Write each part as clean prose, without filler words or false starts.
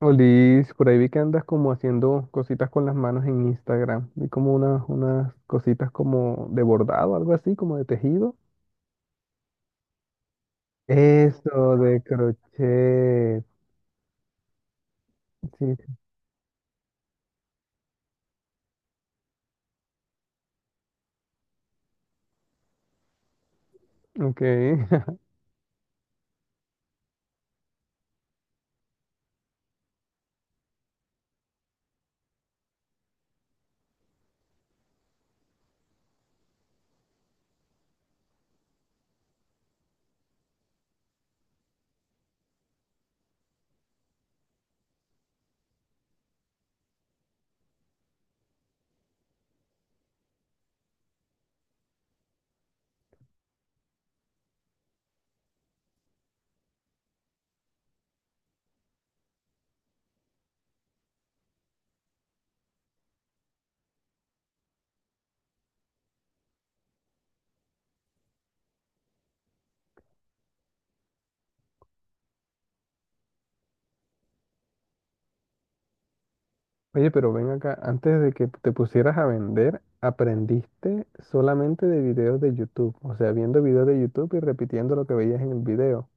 Olis, por ahí vi que andas como haciendo cositas con las manos en Instagram. Vi como unas cositas como de bordado, algo así, como de tejido. Eso, de crochet. Sí, ok. Oye, pero ven acá, antes de que te pusieras a vender, aprendiste solamente de videos de YouTube, o sea, viendo videos de YouTube y repitiendo lo que veías en el video.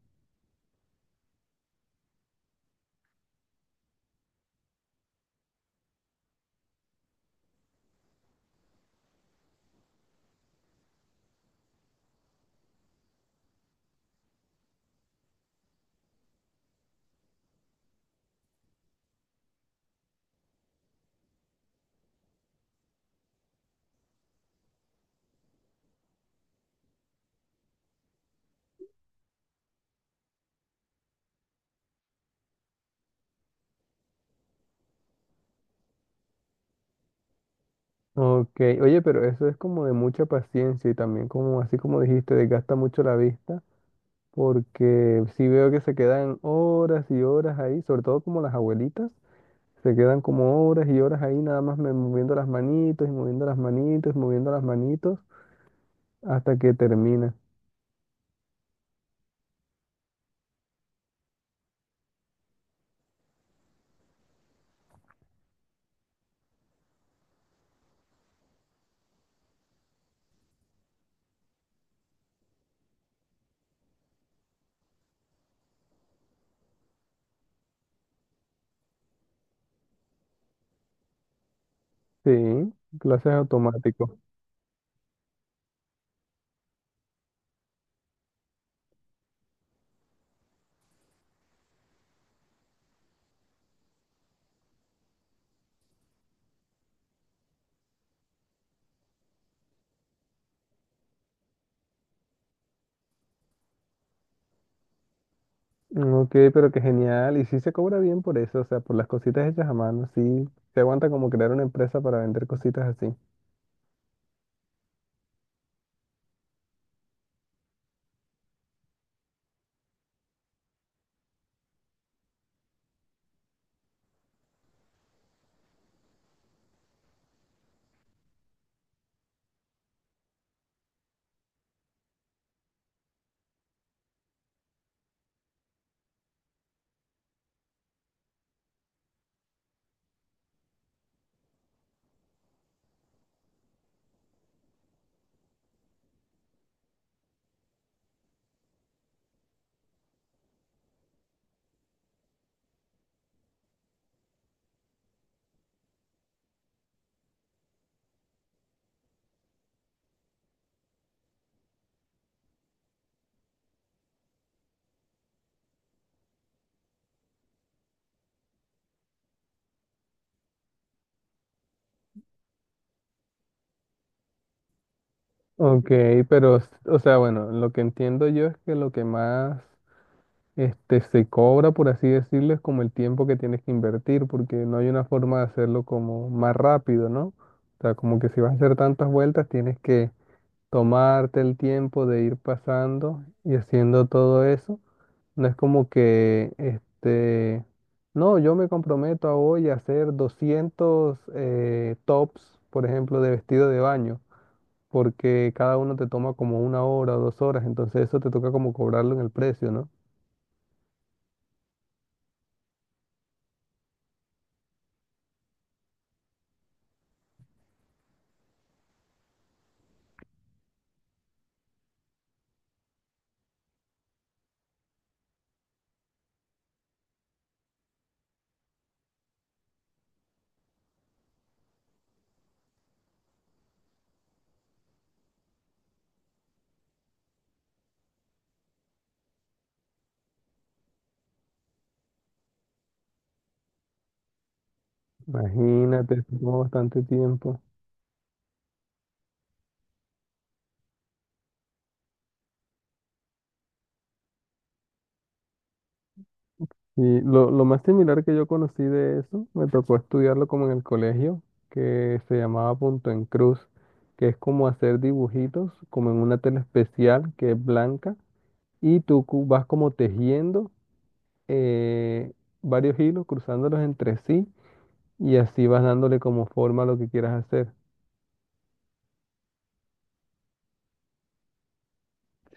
Ok, oye, pero eso es como de mucha paciencia y también como así como dijiste, desgasta mucho la vista. Porque si veo que se quedan horas y horas ahí, sobre todo como las abuelitas, se quedan como horas y horas ahí nada más moviendo las manitos y moviendo las manitos hasta que termina. Sí, clases automático. Ok, pero qué genial. Y sí se cobra bien por eso, o sea, por las cositas hechas a mano, sí. Se aguanta como crear una empresa para vender cositas así. Ok, pero, o sea, bueno, lo que entiendo yo es que lo que más, este, se cobra, por así decirlo, es como el tiempo que tienes que invertir, porque no hay una forma de hacerlo como más rápido, ¿no? O sea, como que si vas a hacer tantas vueltas, tienes que tomarte el tiempo de ir pasando y haciendo todo eso. No es como que, este, no, yo me comprometo a hoy a hacer 200 tops, por ejemplo, de vestido de baño, porque cada uno te toma como una hora o dos horas, entonces eso te toca como cobrarlo en el precio, ¿no? Imagínate, eso tomó bastante tiempo. Y lo más similar que yo conocí de eso, me tocó estudiarlo como en el colegio, que se llamaba punto en cruz, que es como hacer dibujitos, como en una tela especial que es blanca, y tú vas como tejiendo eh, varios hilos, cruzándolos entre sí, y así vas dándole como forma a lo que quieras hacer.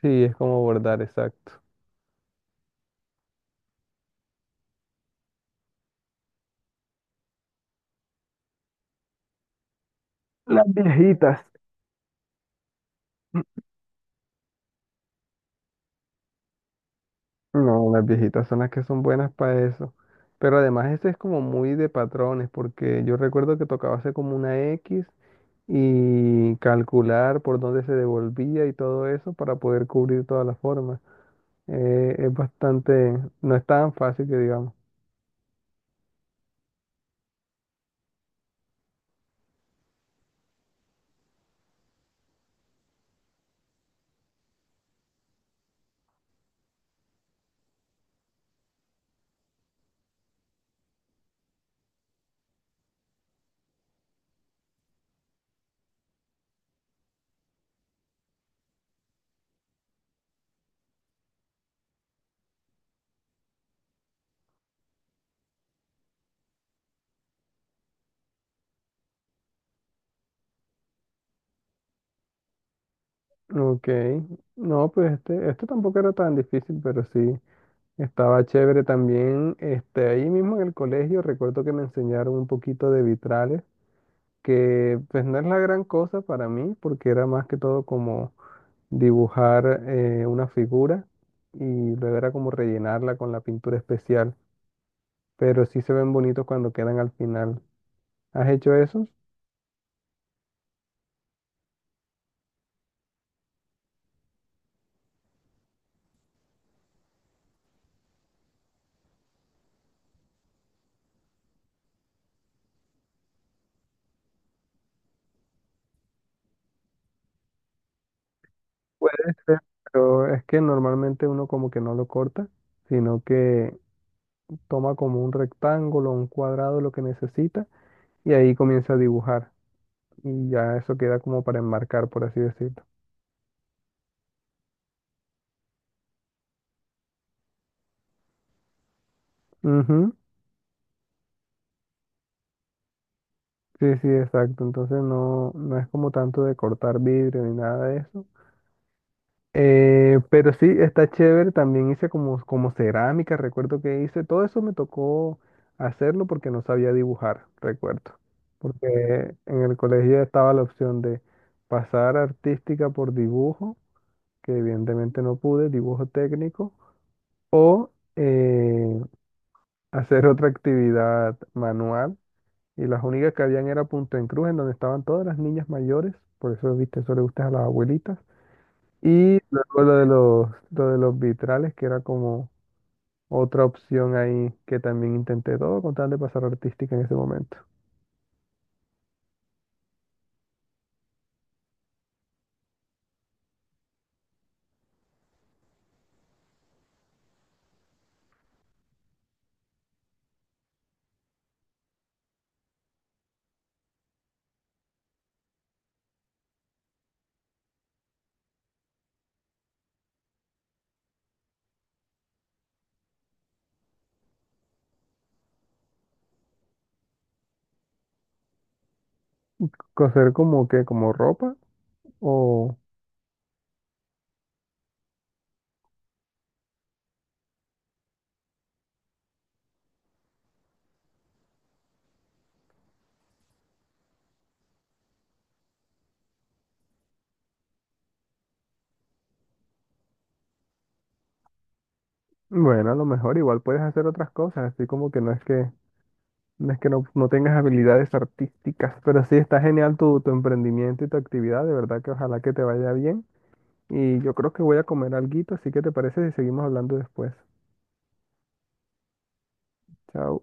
Sí, es como bordar, exacto. Las viejitas. No, las viejitas son las que son buenas para eso. Pero además ese es como muy de patrones, porque yo recuerdo que tocaba hacer como una X y calcular por dónde se devolvía y todo eso para poder cubrir todas las formas. Es bastante, no es tan fácil que digamos. Ok, no, pues este tampoco era tan difícil, pero sí, estaba chévere también. Este, ahí mismo en el colegio recuerdo que me enseñaron un poquito de vitrales que pues no es la gran cosa para mí, porque era más que todo como dibujar una figura y luego era como rellenarla con la pintura especial, pero sí se ven bonitos cuando quedan al final. ¿Has hecho eso? Puede ser, pero es que normalmente uno como que no lo corta, sino que toma como un rectángulo, un cuadrado, lo que necesita, y ahí comienza a dibujar. Y ya eso queda como para enmarcar, por así decirlo. Ujú. Sí, sí, exacto. Entonces no, no es como tanto de cortar vidrio ni nada de eso. Pero sí, está chévere. También hice como, como cerámica, recuerdo que hice. Todo eso me tocó hacerlo porque no sabía dibujar, recuerdo. Porque en el colegio estaba la opción de pasar artística por dibujo, que evidentemente no pude, dibujo técnico, o hacer otra actividad manual. Y las únicas que habían era Punta en Cruz, en donde estaban todas las niñas mayores, por eso, viste, eso le gusta a las abuelitas. Y luego lo de los vitrales, que era como otra opción ahí que también intenté todo con tal de pasar artística en ese momento. Coser como que, como ropa, o bueno, a lo mejor igual puedes hacer otras cosas, así como que no es que no, no tengas habilidades artísticas, pero sí está genial tu emprendimiento y tu actividad, de verdad que ojalá que te vaya bien. Y yo creo que voy a comer alguito, así que ¿te parece si seguimos hablando después? Chao.